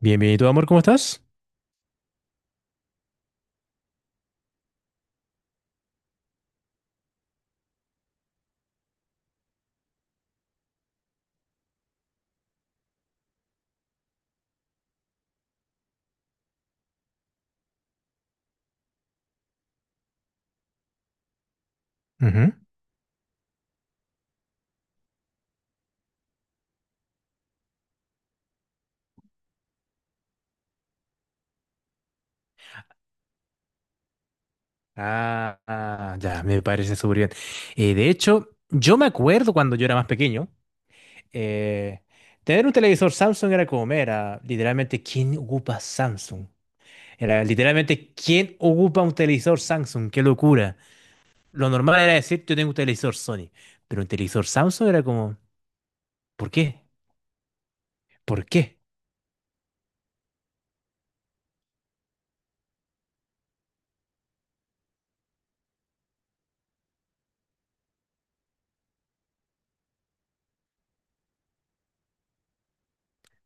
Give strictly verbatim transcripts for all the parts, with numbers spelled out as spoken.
Bienvenido, amor, ¿cómo estás? Ujú. Ah, ah, ya, me parece súper bien. Eh, de hecho, yo me acuerdo cuando yo era más pequeño, eh, tener un televisor Samsung era como, era literalmente, ¿quién ocupa Samsung? Era literalmente, ¿quién ocupa un televisor Samsung? ¡Qué locura! Lo normal era decir, yo tengo un televisor Sony, pero un televisor Samsung era como, ¿por qué? ¿Por qué?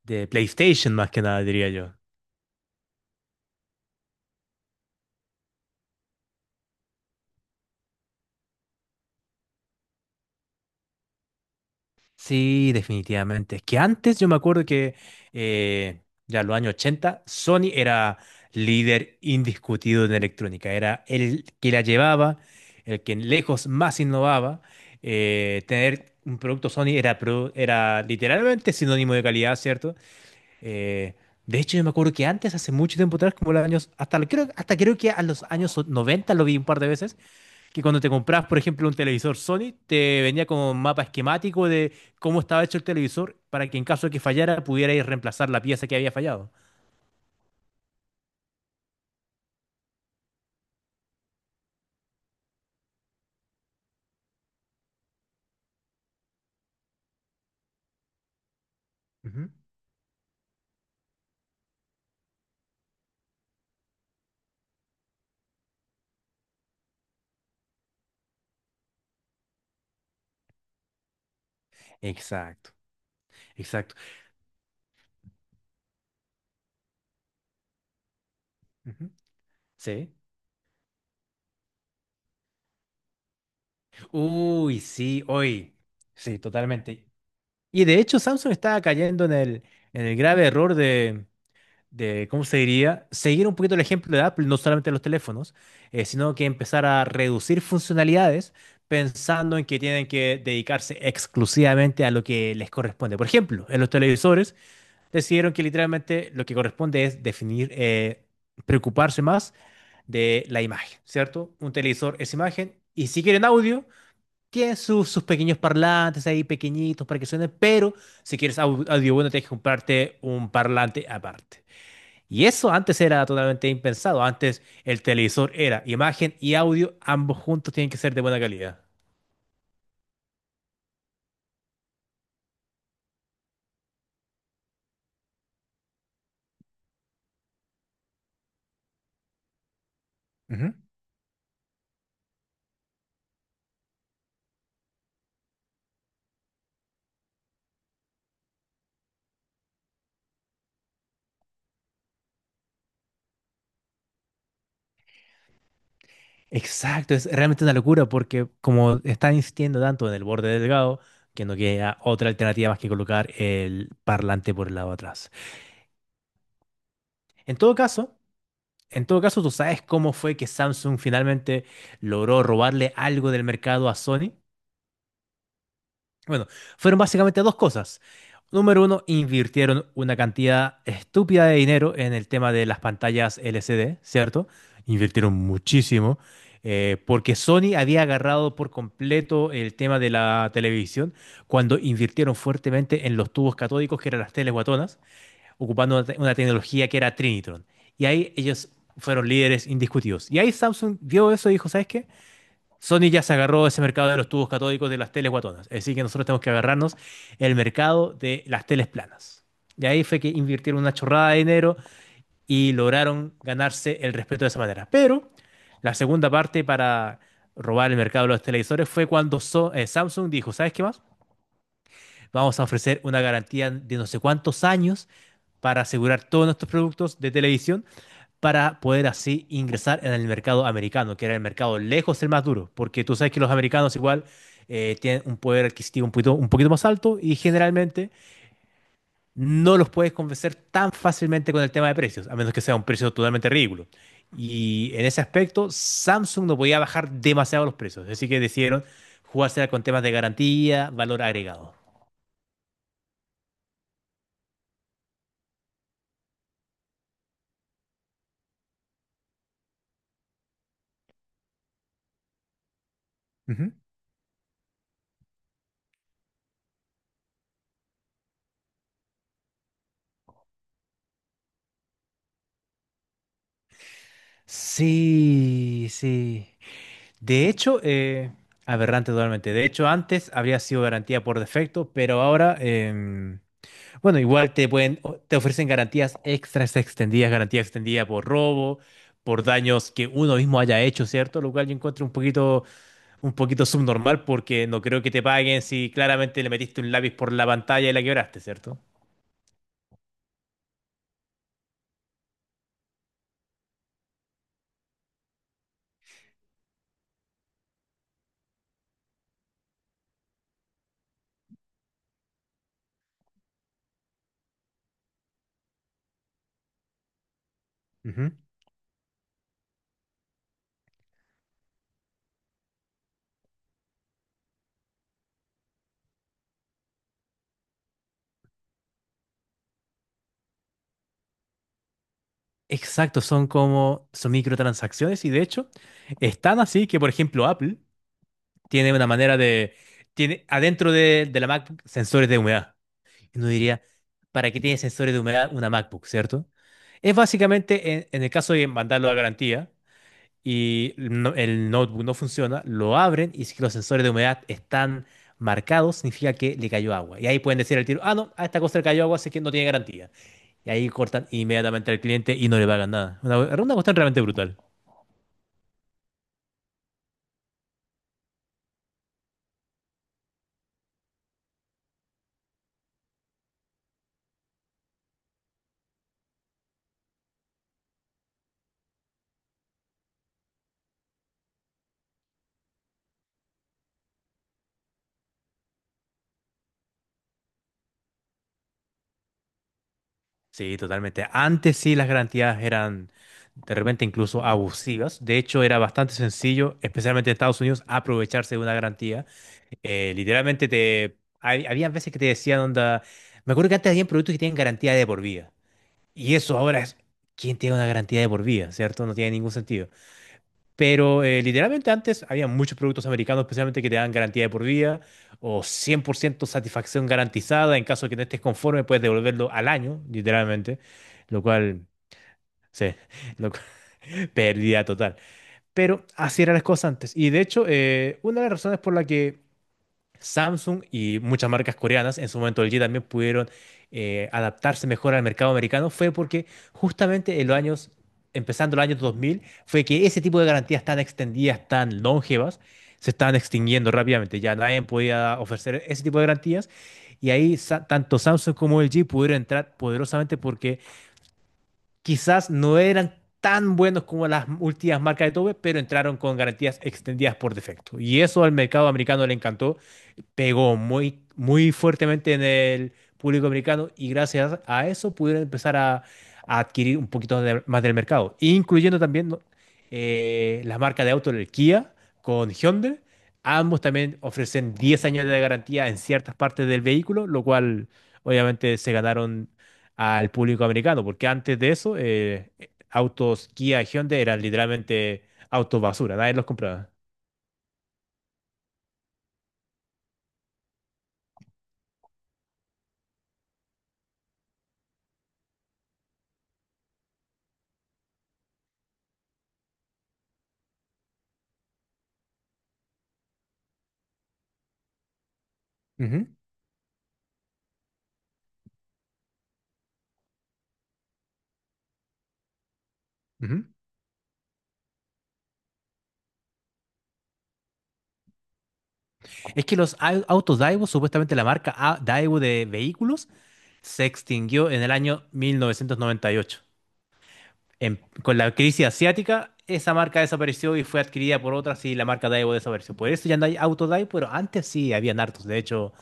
De PlayStation más que nada, diría yo. Sí, definitivamente. Es que antes yo me acuerdo que eh, ya en los años ochenta Sony era líder indiscutido en electrónica. Era el que la llevaba, el que lejos más innovaba. Eh, tener un producto Sony era, pro- era literalmente sinónimo de calidad, ¿cierto? Eh, de hecho, yo me acuerdo que antes, hace mucho tiempo atrás, como los años, hasta, creo, hasta creo que a los años noventa lo vi un par de veces, que cuando te compras, por ejemplo, un televisor Sony, te venía como un mapa esquemático de cómo estaba hecho el televisor para que en caso de que fallara pudiera pudierais reemplazar la pieza que había fallado. Ujú. Exacto, exacto. Ujú. Sí. Uy, sí, hoy. Sí, totalmente. Y de hecho, Samsung está cayendo en el, en el grave error de, de, ¿cómo se diría? Seguir un poquito el ejemplo de Apple, no solamente en los teléfonos, eh, sino que empezar a reducir funcionalidades pensando en que tienen que dedicarse exclusivamente a lo que les corresponde. Por ejemplo, en los televisores decidieron que literalmente lo que corresponde es definir, eh, preocuparse más de la imagen, ¿cierto? Un televisor es imagen y si quieren audio, tienen sus, sus pequeños parlantes ahí pequeñitos para que suenen, pero si quieres au- audio bueno, tienes que comprarte un parlante aparte. Y eso antes era totalmente impensado. Antes el televisor era imagen y audio, ambos juntos tienen que ser de buena calidad. Ujú. Exacto, es realmente una locura porque como están insistiendo tanto en el borde delgado, que no queda otra alternativa más que colocar el parlante por el lado de atrás. En todo caso, en todo caso, ¿tú sabes cómo fue que Samsung finalmente logró robarle algo del mercado a Sony? Bueno, fueron básicamente dos cosas. Número uno, invirtieron una cantidad estúpida de dinero en el tema de las pantallas L C D, ¿cierto? Invirtieron muchísimo, eh, porque Sony había agarrado por completo el tema de la televisión cuando invirtieron fuertemente en los tubos catódicos, que eran las teles guatonas, ocupando una, te- una tecnología que era Trinitron. Y ahí ellos fueron líderes indiscutidos. Y ahí Samsung vio eso y dijo, ¿sabes qué? Sony ya se agarró ese mercado de los tubos catódicos de las teles guatonas. Así que nosotros tenemos que agarrarnos el mercado de las teles planas. Y ahí fue que invirtieron una chorrada de dinero y lograron ganarse el respeto de esa manera. Pero la segunda parte para robar el mercado de los televisores fue cuando So- eh, Samsung dijo, ¿sabes qué más? Vamos a ofrecer una garantía de no sé cuántos años para asegurar todos nuestros productos de televisión para poder así ingresar en el mercado americano, que era el mercado lejos el más duro, porque tú sabes que los americanos igual eh, tienen un poder adquisitivo un poquito, un poquito más alto y generalmente no los puedes convencer tan fácilmente con el tema de precios, a menos que sea un precio totalmente ridículo. Y en ese aspecto, Samsung no podía bajar demasiado los precios, así que decidieron jugarse con temas de garantía, valor agregado. Ujú. Sí, sí. De hecho, eh, Aberrante totalmente. De hecho, antes habría sido garantía por defecto, pero ahora, em, bueno, igual te pueden, o- te ofrecen garantías extras extendidas, garantía extendida por robo, por daños que uno mismo haya hecho, ¿cierto? Lo cual yo encuentro un poquito, un poquito subnormal porque no creo que te paguen si claramente le metiste un lápiz por la pantalla y la quebraste, ¿cierto? Ujú. Exacto, son como, son microtransacciones y de hecho, están así que, por ejemplo, Apple tiene una manera de... Tiene adentro de, de la MacBook sensores de humedad. Y uno diría, ¿para qué tiene sensores de humedad una MacBook, cierto? Es básicamente en, en el caso de mandarlo a garantía y el no- el notebook no funciona, lo abren y si los sensores de humedad están marcados, significa que le cayó agua. Y ahí pueden decir al tiro, ah, no, a esta cosa le cayó agua, así que no tiene garantía. Y ahí cortan inmediatamente al cliente y no le pagan nada. Una, una cuestión realmente brutal. Sí, totalmente. Antes sí las garantías eran de repente incluso abusivas. De hecho, era bastante sencillo, especialmente en Estados Unidos, aprovecharse de una garantía. Eh, literalmente te... hay- habían veces que te decían, onda, me acuerdo que antes había productos que tienen garantía de por vida. Y eso ahora es, ¿quién tiene una garantía de por vida? ¿Cierto? No tiene ningún sentido. Pero eh, literalmente antes había muchos productos americanos, especialmente que te dan garantía de por vida o cien por ciento satisfacción garantizada. En caso de que no estés conforme, puedes devolverlo al año, literalmente. Lo cual, sí, lo cual- pérdida total. Pero así eran las cosas antes. Y de hecho, eh, una de las razones por la que Samsung y muchas marcas coreanas, en su momento L G también pudieron eh, adaptarse mejor al mercado americano, fue porque justamente en los años, empezando los años dos mil, fue que ese tipo de garantías tan extendidas, tan longevas, se estaban extinguiendo rápidamente. Ya nadie podía ofrecer ese tipo de garantías. Y ahí sa- tanto Samsung como L G pudieron entrar poderosamente porque quizás no eran tan buenos como las últimas marcas de Tobe, pero entraron con garantías extendidas por defecto. Y eso al mercado americano le encantó, pegó muy, muy fuertemente en el público americano y gracias a eso pudieron empezar a, a adquirir un poquito de- más del mercado, incluyendo también, ¿no? eh, las marcas de auto, el Kia con Hyundai. Ambos también ofrecen diez años de garantía en ciertas partes del vehículo, lo cual obviamente se ganaron al público americano, porque antes de eso, eh, autos Kia y Hyundai eran literalmente autos basura, nadie los compraba. Ujú, ujú. Es que los au- autos Daiwo, supuestamente la marca a- Daiwo de vehículos, se extinguió en el año mil novecientos noventa y ocho. En- con la crisis asiática, esa marca desapareció y fue adquirida por otras y la marca Daiwo desapareció. Por eso ya no hay autos Daiwo, pero antes sí habían hartos. De hecho,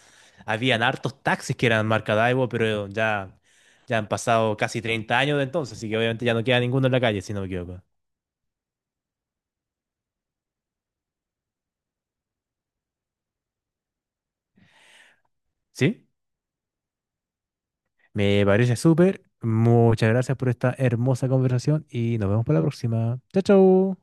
habían hartos taxis que eran marca Daiwo, pero ya, ya han pasado casi treinta años de entonces, así que obviamente ya no queda ninguno en la calle, si no me equivoco. ¿Sí? Me parece súper. Muchas gracias por esta hermosa conversación y nos vemos para la próxima. Chao, chao.